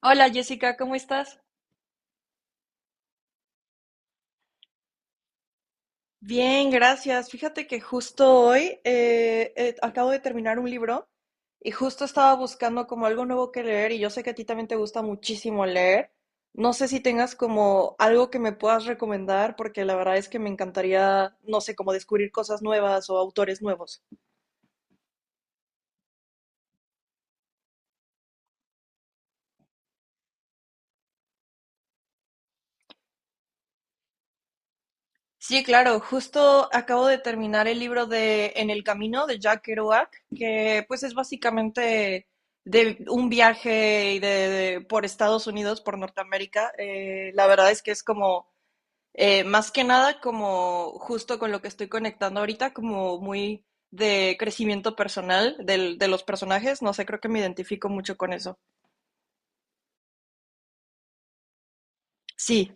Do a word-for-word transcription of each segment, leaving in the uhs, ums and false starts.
Hola Jessica, ¿cómo estás? Bien, gracias. Fíjate que justo hoy eh, eh, acabo de terminar un libro y justo estaba buscando como algo nuevo que leer, y yo sé que a ti también te gusta muchísimo leer. No sé si tengas como algo que me puedas recomendar, porque la verdad es que me encantaría, no sé, como descubrir cosas nuevas o autores nuevos. Sí, claro, justo acabo de terminar el libro de En el Camino de Jack Kerouac, que pues es básicamente de un viaje y de, de- por Estados Unidos, por Norteamérica. Eh, la verdad es que es como, eh, más que nada, como justo con lo que estoy conectando ahorita, como muy de crecimiento personal del- de los personajes. No sé, creo que me identifico mucho con eso. Sí.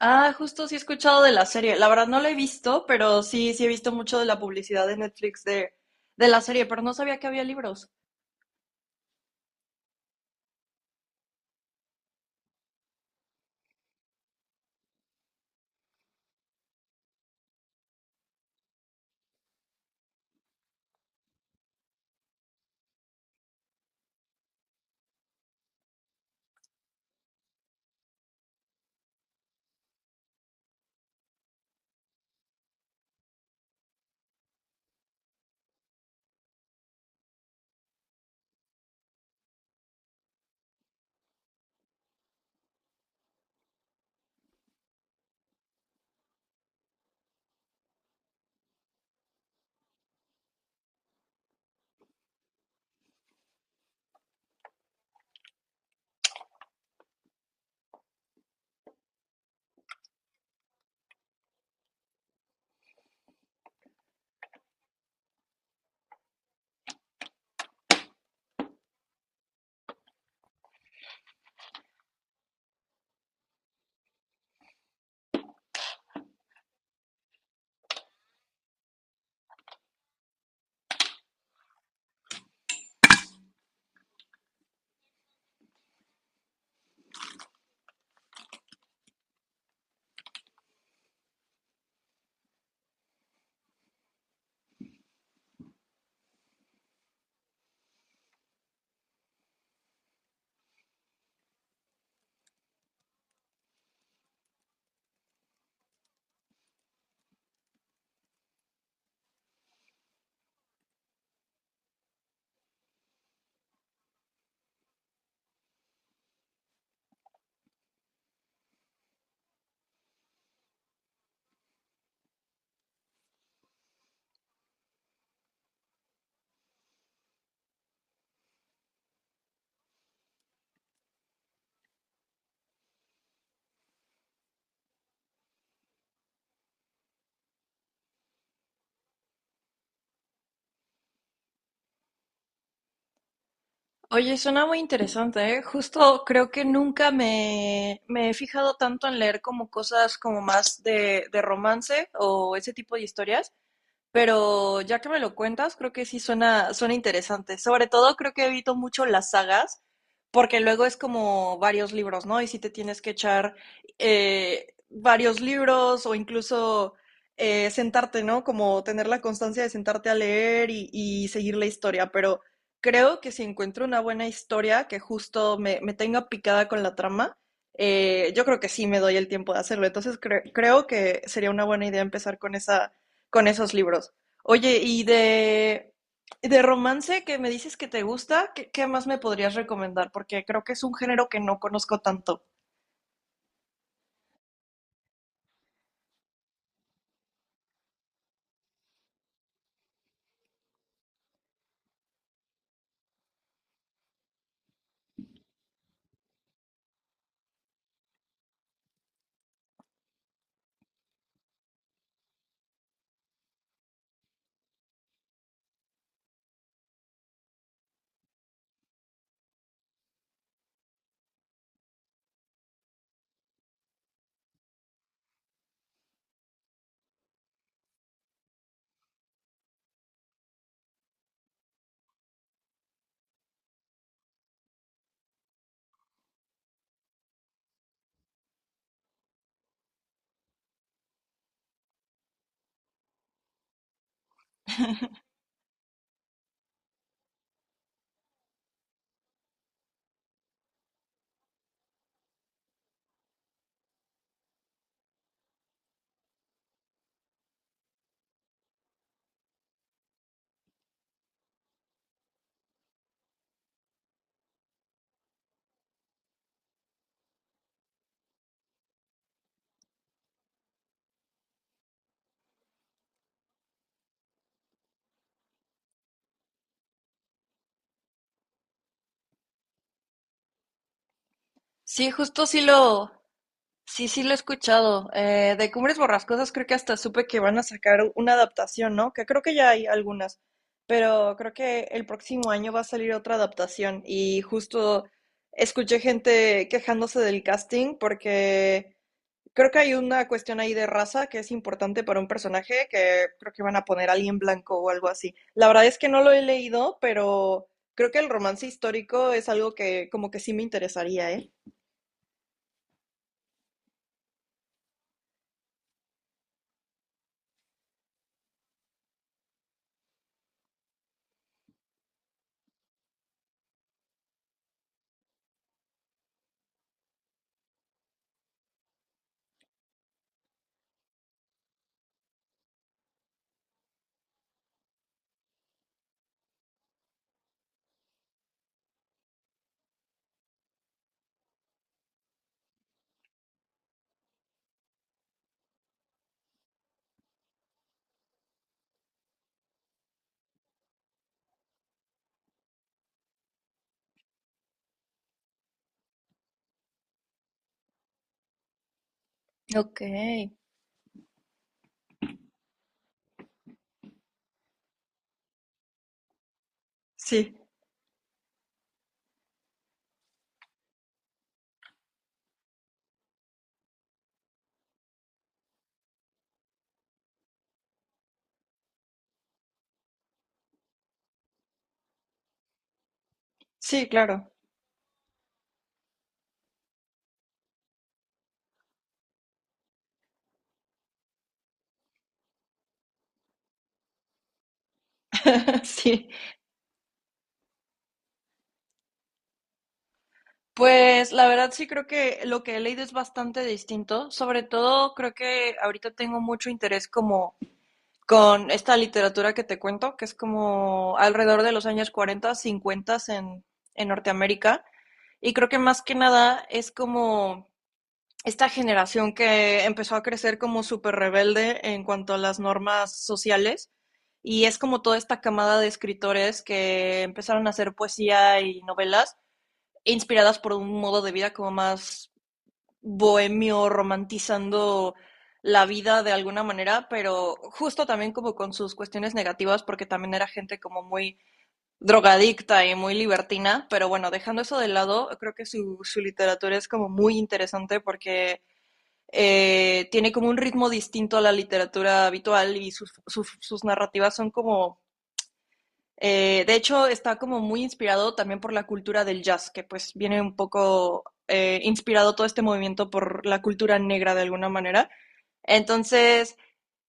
Ah, justo sí he escuchado de la serie. La verdad no la he visto, pero sí, sí he visto mucho de la publicidad de Netflix de, de la serie, pero no sabía que había libros. Oye, suena muy interesante, ¿eh? Justo creo que nunca me, me he fijado tanto en leer como cosas como más de, de romance o ese tipo de historias. Pero ya que me lo cuentas, creo que sí suena, suena interesante. Sobre todo creo que evito mucho las sagas, porque luego es como varios libros, ¿no? Y si te tienes que echar eh, varios libros, o incluso eh, sentarte, ¿no? Como tener la constancia de sentarte a leer y, y seguir la historia. Pero creo que si encuentro una buena historia que justo me, me tenga picada con la trama, eh, yo creo que sí me doy el tiempo de hacerlo. Entonces cre- creo que sería una buena idea empezar con esa, con esos libros. Oye, y de, de romance que me dices que te gusta, ¿qué, qué más me podrías recomendar? Porque creo que es un género que no conozco tanto. Sí, justo sí lo, sí, sí lo he escuchado. Eh, de Cumbres Borrascosas creo que hasta supe que van a sacar una adaptación, ¿no? Que creo que ya hay algunas, pero creo que el próximo año va a salir otra adaptación. Y justo escuché gente quejándose del casting, porque creo que hay una cuestión ahí de raza que es importante para un personaje, que creo que van a poner alguien blanco o algo así. La verdad es que no lo he leído, pero creo que el romance histórico es algo que como que sí me interesaría, ¿eh? Ok. Sí, sí, claro. Sí. Pues la verdad sí creo que lo que he leído es bastante distinto. Sobre todo creo que ahorita tengo mucho interés como con esta literatura que te cuento, que es como alrededor de los años cuarenta, cincuenta en, en Norteamérica. Y creo que más que nada es como esta generación que empezó a crecer como súper rebelde en cuanto a las normas sociales. Y es como toda esta camada de escritores que empezaron a hacer poesía y novelas inspiradas por un modo de vida como más bohemio, romantizando la vida de alguna manera, pero justo también como con sus cuestiones negativas, porque también era gente como muy drogadicta y muy libertina. Pero bueno, dejando eso de lado, creo que su, su literatura es como muy interesante porque eh, tiene como un ritmo distinto a la literatura habitual, y sus, sus, sus narrativas son como eh, de hecho, está como muy inspirado también por la cultura del jazz, que pues viene un poco eh, inspirado todo este movimiento por la cultura negra de alguna manera. Entonces,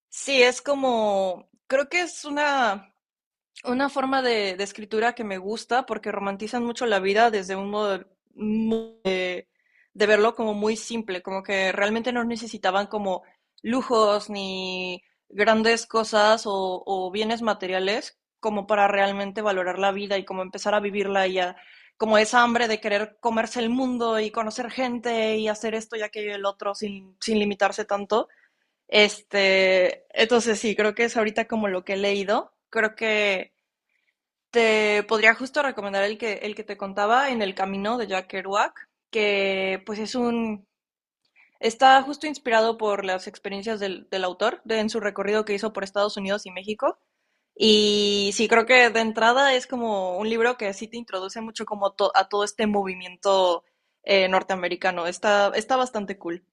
sí, es como, creo que es una, una forma de, de escritura que me gusta porque romantizan mucho la vida desde un modo de verlo como muy simple, como que realmente no necesitaban como lujos ni grandes cosas, o, o bienes materiales, como para realmente valorar la vida y como empezar a vivirla y a, como esa hambre de querer comerse el mundo y conocer gente y hacer esto y aquello y el otro, sin, sin limitarse tanto. Este, entonces sí, creo que es ahorita como lo que he leído. Creo que te podría justo recomendar el que, el que te contaba, En el Camino de Jack Kerouac, que pues es un. Está justo inspirado por las experiencias del, del autor de, en su recorrido que hizo por Estados Unidos y México. Y sí, creo que de entrada es como un libro que sí te introduce mucho como to- a todo este movimiento eh, norteamericano. Está, está bastante cool.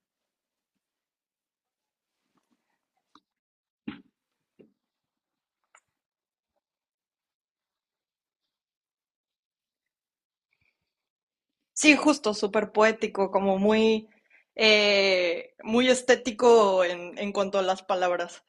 Sí, justo, súper poético, como muy, eh, muy estético en, en cuanto a las palabras.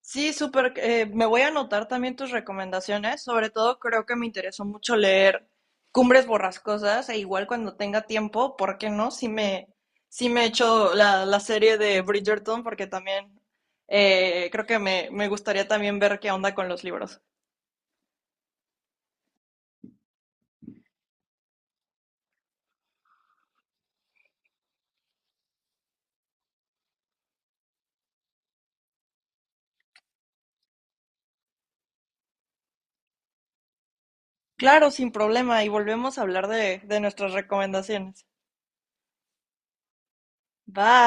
Sí, súper. Eh, me voy a anotar también tus recomendaciones. Sobre todo creo que me interesó mucho leer Cumbres Borrascosas, e igual cuando tenga tiempo, ¿por qué no? Sí me, sí me he la, la serie de Bridgerton, porque también eh, creo que me, me gustaría también ver qué onda con los libros. Claro, sin problema. Y volvemos a hablar de, de nuestras recomendaciones. Bye.